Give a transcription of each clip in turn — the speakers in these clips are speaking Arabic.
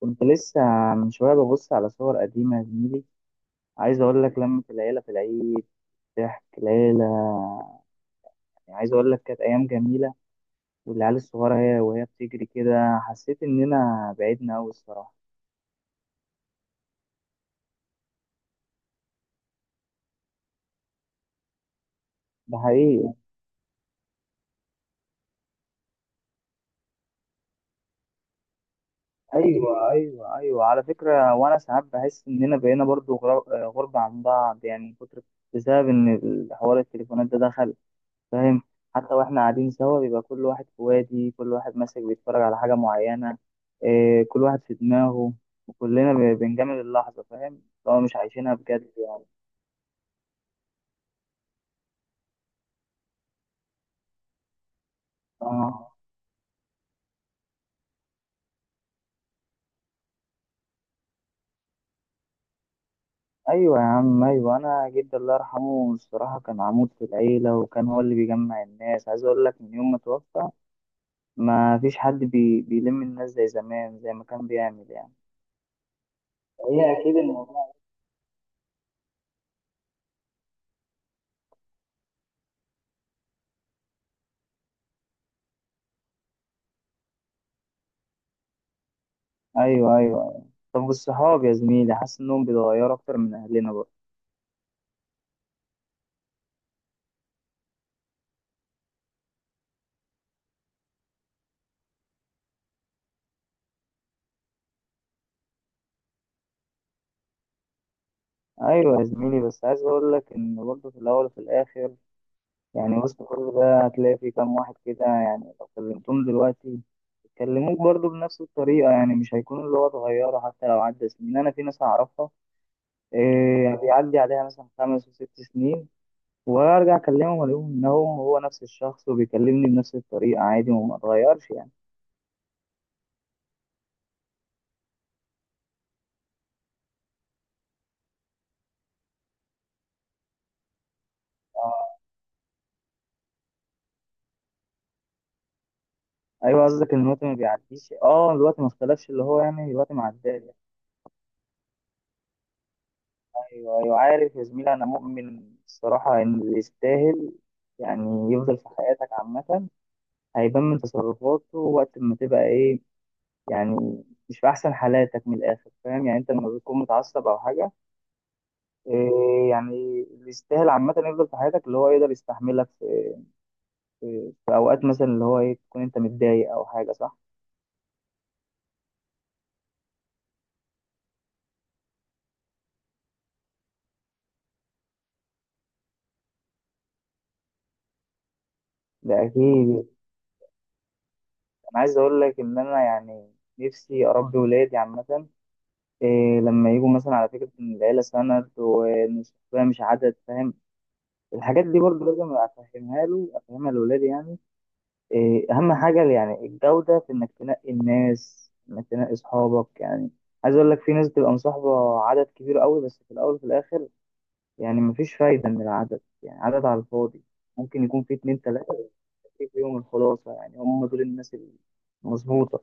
كنت لسه من شوية ببص على صور قديمة يا زميلي. عايز أقول لك لمة العيلة في العيد، ضحك العيلة، يعني عايز أقول لك كانت أيام جميلة. والعيال الصغيرة هي وهي بتجري كده، حسيت إننا بعدنا أوي الصراحة. ده حقيقي. أيوة أيوة أيوة، على فكرة وأنا ساعات بحس إننا بقينا برضو غربة عن بعض، يعني من كتر، بسبب إن الحوار التليفونات ده دخل. فاهم؟ حتى واحنا قاعدين سوا بيبقى كل واحد في وادي، كل واحد ماسك بيتفرج على حاجة معينة. إيه، كل واحد في دماغه، وكلنا بنجامل اللحظة، فاهم؟ لو مش عايشينها بجد يعني. آه. أيوة يا عم، أيوة، أنا جدي الله يرحمه الصراحة كان عمود في العيلة، وكان هو اللي بيجمع الناس. عايز أقول لك من يوم ما توفى ما فيش حد بيلم الناس زي زمان، زي ما كان بيعمل يعني. هي أكيد الموضوع. أيوة أيوة. طب والصحاب يا زميلي، حاسس إنهم بيتغيروا أكتر من أهلنا برضه؟ ايوه يا زميلي، بس عايز اقول لك ان برضه في الاول وفي الاخر، يعني وسط كل ده هتلاقي في كام واحد كده، يعني لو كلمتهم دلوقتي يكلموك برضه بنفس الطريقه، يعني مش هيكون اللي هو اتغيروا حتى لو عدى سنين. انا في ناس اعرفها، إيه يعني، بيعدي عليها مثلا خمس وست سنين وارجع اكلمهم الاقيهم انهم هو نفس الشخص، وبيكلمني بنفس الطريقه عادي وما اتغيرش يعني. ايوه، قصدك ان الوقت ما بيعديش. اه، الوقت ما اختلفش، اللي هو يعني الوقت ما عداش. ايوه ايوه، عارف يا زميلي، انا مؤمن الصراحه ان اللي يستاهل يعني يفضل في حياتك عامه هيبان من تصرفاته وقت ما تبقى ايه، يعني مش في احسن حالاتك من الاخر. فاهم؟ يعني انت لما بتكون متعصب او حاجه، إيه يعني، اللي يستاهل عامه يفضل في حياتك، اللي هو يقدر يستحملك في اوقات مثلا اللي هو ايه، تكون انت متضايق او حاجه، صح؟ ده اكيد. انا عايز اقول لك ان انا يعني نفسي اربي ولادي عامه، إيه لما يجوا مثلا، على فكرة، إن العيلة سند وإن الصحبة مش عدد. فاهم؟ الحاجات دي برضه لازم أفهمها له، أفهمها لأولادي يعني. إيه أهم حاجة يعني الجودة، في إنك تنقي الناس، إنك تنقي أصحابك يعني. عايز أقول لك في ناس بتبقى مصاحبة عدد كبير قوي، بس في الأول وفي الآخر يعني مفيش فايدة من العدد، يعني عدد على الفاضي. ممكن يكون في اتنين تلاتة في يوم الخلاصة، يعني هم دول الناس المظبوطة.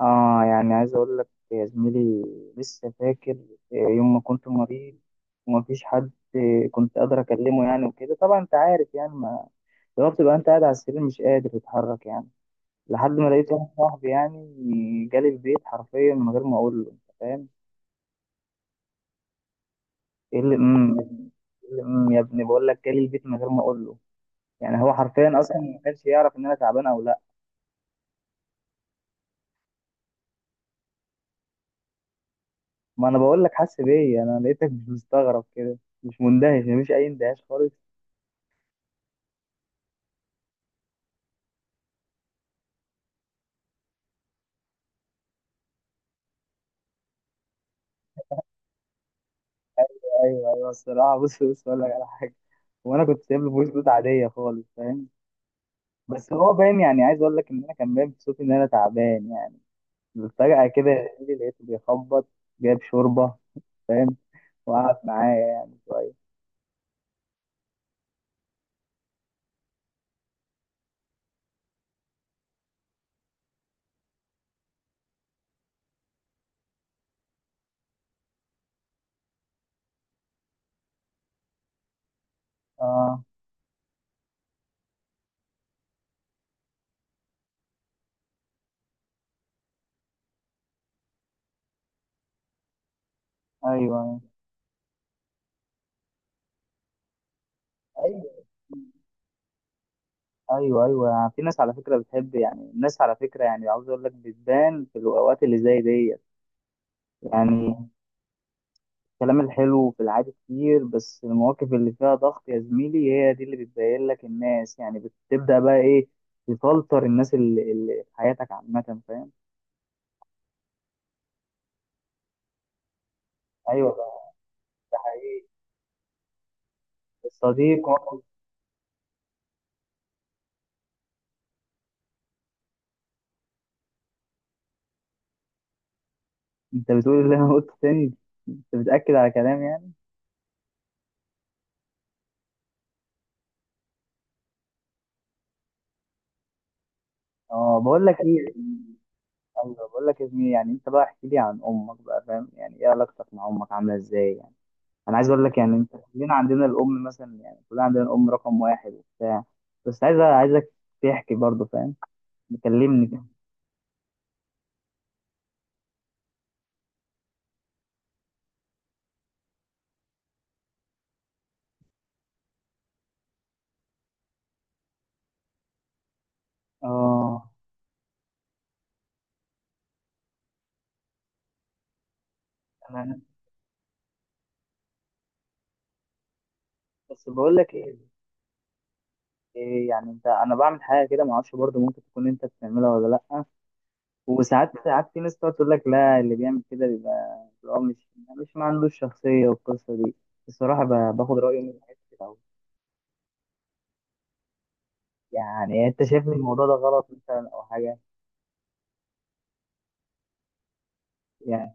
اه، يعني عايز اقول لك يا زميلي، لسه فاكر آه، يوم ما كنت مريض ومفيش حد آه، كنت قادر اكلمه يعني، وكده طبعا انت عارف يعني، ما لو بتبقى انت قاعد على السرير مش قادر تتحرك يعني، لحد ما لقيت واحد صاحبي يعني جالي البيت حرفيا من غير ما اقول له. انت فاهم؟ ايه اللي إيه اللي يا ابني، بقول لك جالي البيت من غير ما اقول له، يعني هو حرفيا اصلا ما كانش يعرف ان انا تعبان او لا. ما انا بقول لك حاسس بيا، انا لقيتك مش مستغرب كده، مش مندهش، مفيش اي اندهاش خالص. ايوه ايوه الصراحه، بص بص اقول لك على حاجه، وانا كنت سايب له فويس نوت عاديه خالص، فاهم؟ بس هو باين، يعني عايز اقول لك ان انا كان باين بصوتي ان انا تعبان يعني. فجاه كده يجي لقيته بيخبط جايب شوربه، فاهم؟ وقعد معايا يعني شويه. اه. ايوه ايوه ايوه ايوه، يعني في ناس على فكره بتحب، يعني الناس على فكره، يعني عاوز اقول لك بتبان في الاوقات اللي زي ديت يعني. الكلام الحلو في العادي كتير، بس المواقف اللي فيها ضغط يا زميلي هي دي اللي بتبين لك الناس يعني. بتبدأ بقى ايه، تفلتر الناس اللي في حياتك عامة. فاهم؟ ايوه، ده حقيقي. الصديق. انت بتقول اللي انا قلته تاني، انت بتأكد على كلام يعني. اه، بقول لك ايه، ايوه بقول لك يا زميلي، يعني انت بقى احكي لي عن امك بقى. فاهم؟ يعني ايه علاقتك مع امك عامله ازاي يعني؟ انا عايز اقول لك يعني انت، كلنا عندنا الام مثلا، يعني كلنا عندنا الام رقم واحد وبتاع، بس عايز عايزك تحكي برضه، فاهم؟ مكلمني كده. اه. انا بس بقول لك ايه، إيه يعني انت، انا بعمل حاجه كده ما اعرفش برضه، ممكن تكون انت بتعملها ولا لا. وساعات ساعات في ناس تقعد تقول لك لا، اللي بيعمل كده بيبقى اللي هو مش، مش ما عندوش شخصيه، والقصه دي الصراحه باخد رايه من حاجات كتير أوي. يعني إيه، انت شايف ان الموضوع ده غلط مثلا او حاجه؟ يعني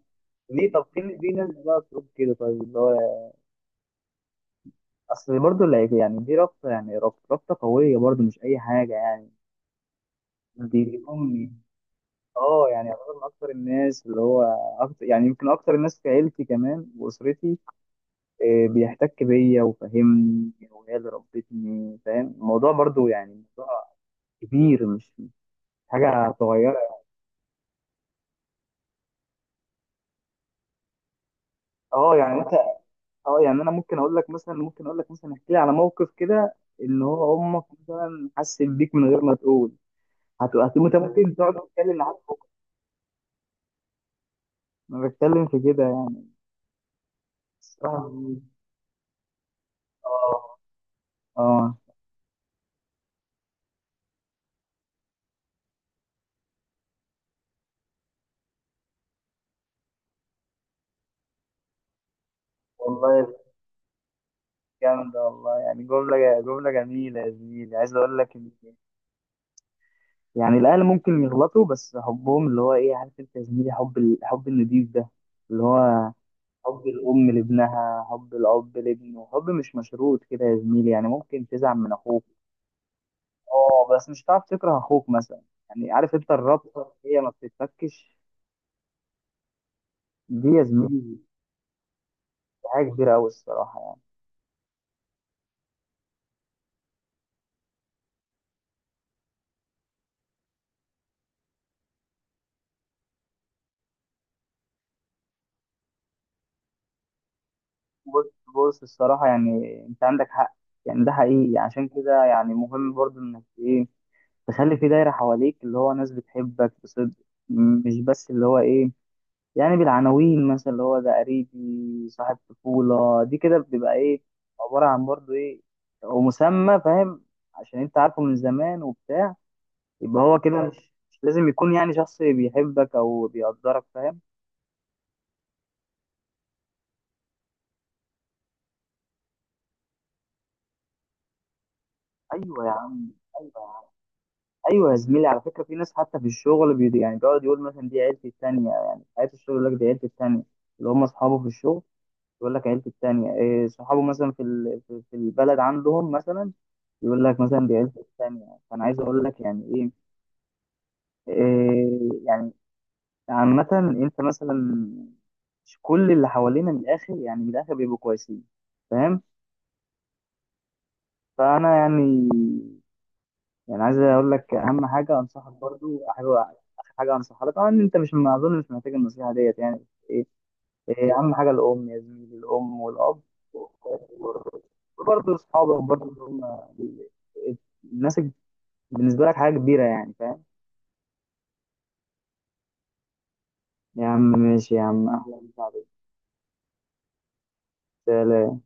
ليه؟ طب في في ناس بقى تقول كده، طيب اللي هو اصل برضه يعني دي رابطه، يعني رابطه قويه برضه، مش اي حاجه يعني. دي امي، اه، يعني يعتبر من اكتر الناس اللي هو أكتر، يعني يمكن اكتر الناس في عيلتي كمان واسرتي، آه، بيحتك بيا وفاهمني وهي اللي ربتني، فاهم؟ الموضوع برضو يعني موضوع كبير، مش مش حاجه صغيره. اه، يعني انت، اه يعني انا ممكن اقول لك مثلا احكي لي على موقف كده ان هو امك مثلا حست بيك من غير ما تقول. انت ممكن تقعد تتكلم معاك، انا بتكلم في كده يعني. الصراحة دي- اه. اه والله، جامدة والله، يعني جملة جميلة يا زميلي. عايز أقول لك إن يعني الأهل ممكن يغلطوا، بس حبهم اللي هو إيه، عارف أنت يا زميلي، حب، الحب النضيف ده، اللي هو حب الأم لابنها، حب الأب لابنه، حب مش مشروط كده يا زميلي. يعني ممكن تزعل من أخوك، أه، بس مش هتعرف تكره أخوك مثلا. يعني عارف أنت، الرابطة هي ما بتتفكش دي يا زميلي، حاجة كبيرة أوي الصراحة يعني. بص بص الصراحة، يعني أنت عندك حق، يعني ده حقيقي. عشان كده يعني مهم برضو انك ايه، تخلي في دايرة حواليك اللي هو ناس بتحبك بصدق، مش بس اللي هو ايه، يعني بالعناوين مثلا اللي هو ده قريبي، صاحب طفولة، دي كده بتبقى ايه، عبارة عن برضه ايه، ومسمى، فاهم؟ عشان انت عارفه من زمان وبتاع، يبقى هو كده مش، مش لازم يكون يعني شخص بيحبك او بيقدرك. فاهم؟ ايوه يا عم، ايوه يا عم. ايوه يا زميلي، على فكرة في ناس حتى في الشغل يعني بيقعد يقول مثلا دي عيلتي التانية، يعني حياة الشغل يقول لك دي عيلتي التانية، اللي هم اصحابه في الشغل، يقول لك عيلته التانية، إيه، صحابه مثلا في ال- في في البلد عندهم مثلا يقول لك مثلا دي عيلته التانية. فأنا عايز أقول لك يعني إيه، إيه يعني، عامة، أنت مثلا مش كل اللي حوالينا من الآخر، يعني من الآخر بيبقوا كويسين، فاهم؟ فأنا يعني، يعني عايز أقول لك أهم حاجة أنصحك برضو، حاجة آخر حاجة أنصحها لك، طبعا أنت مش، ما أظن مش محتاج النصيحة ديت يعني. إيه اهم حاجه الام يا زميلي، الام والاب، برضه اصحابك، برضه هم، ال- الناس بالنسبه لك حاجه كبيره يعني. فاهم؟ يا عم ماشي يا عم، اهلا وسهلا.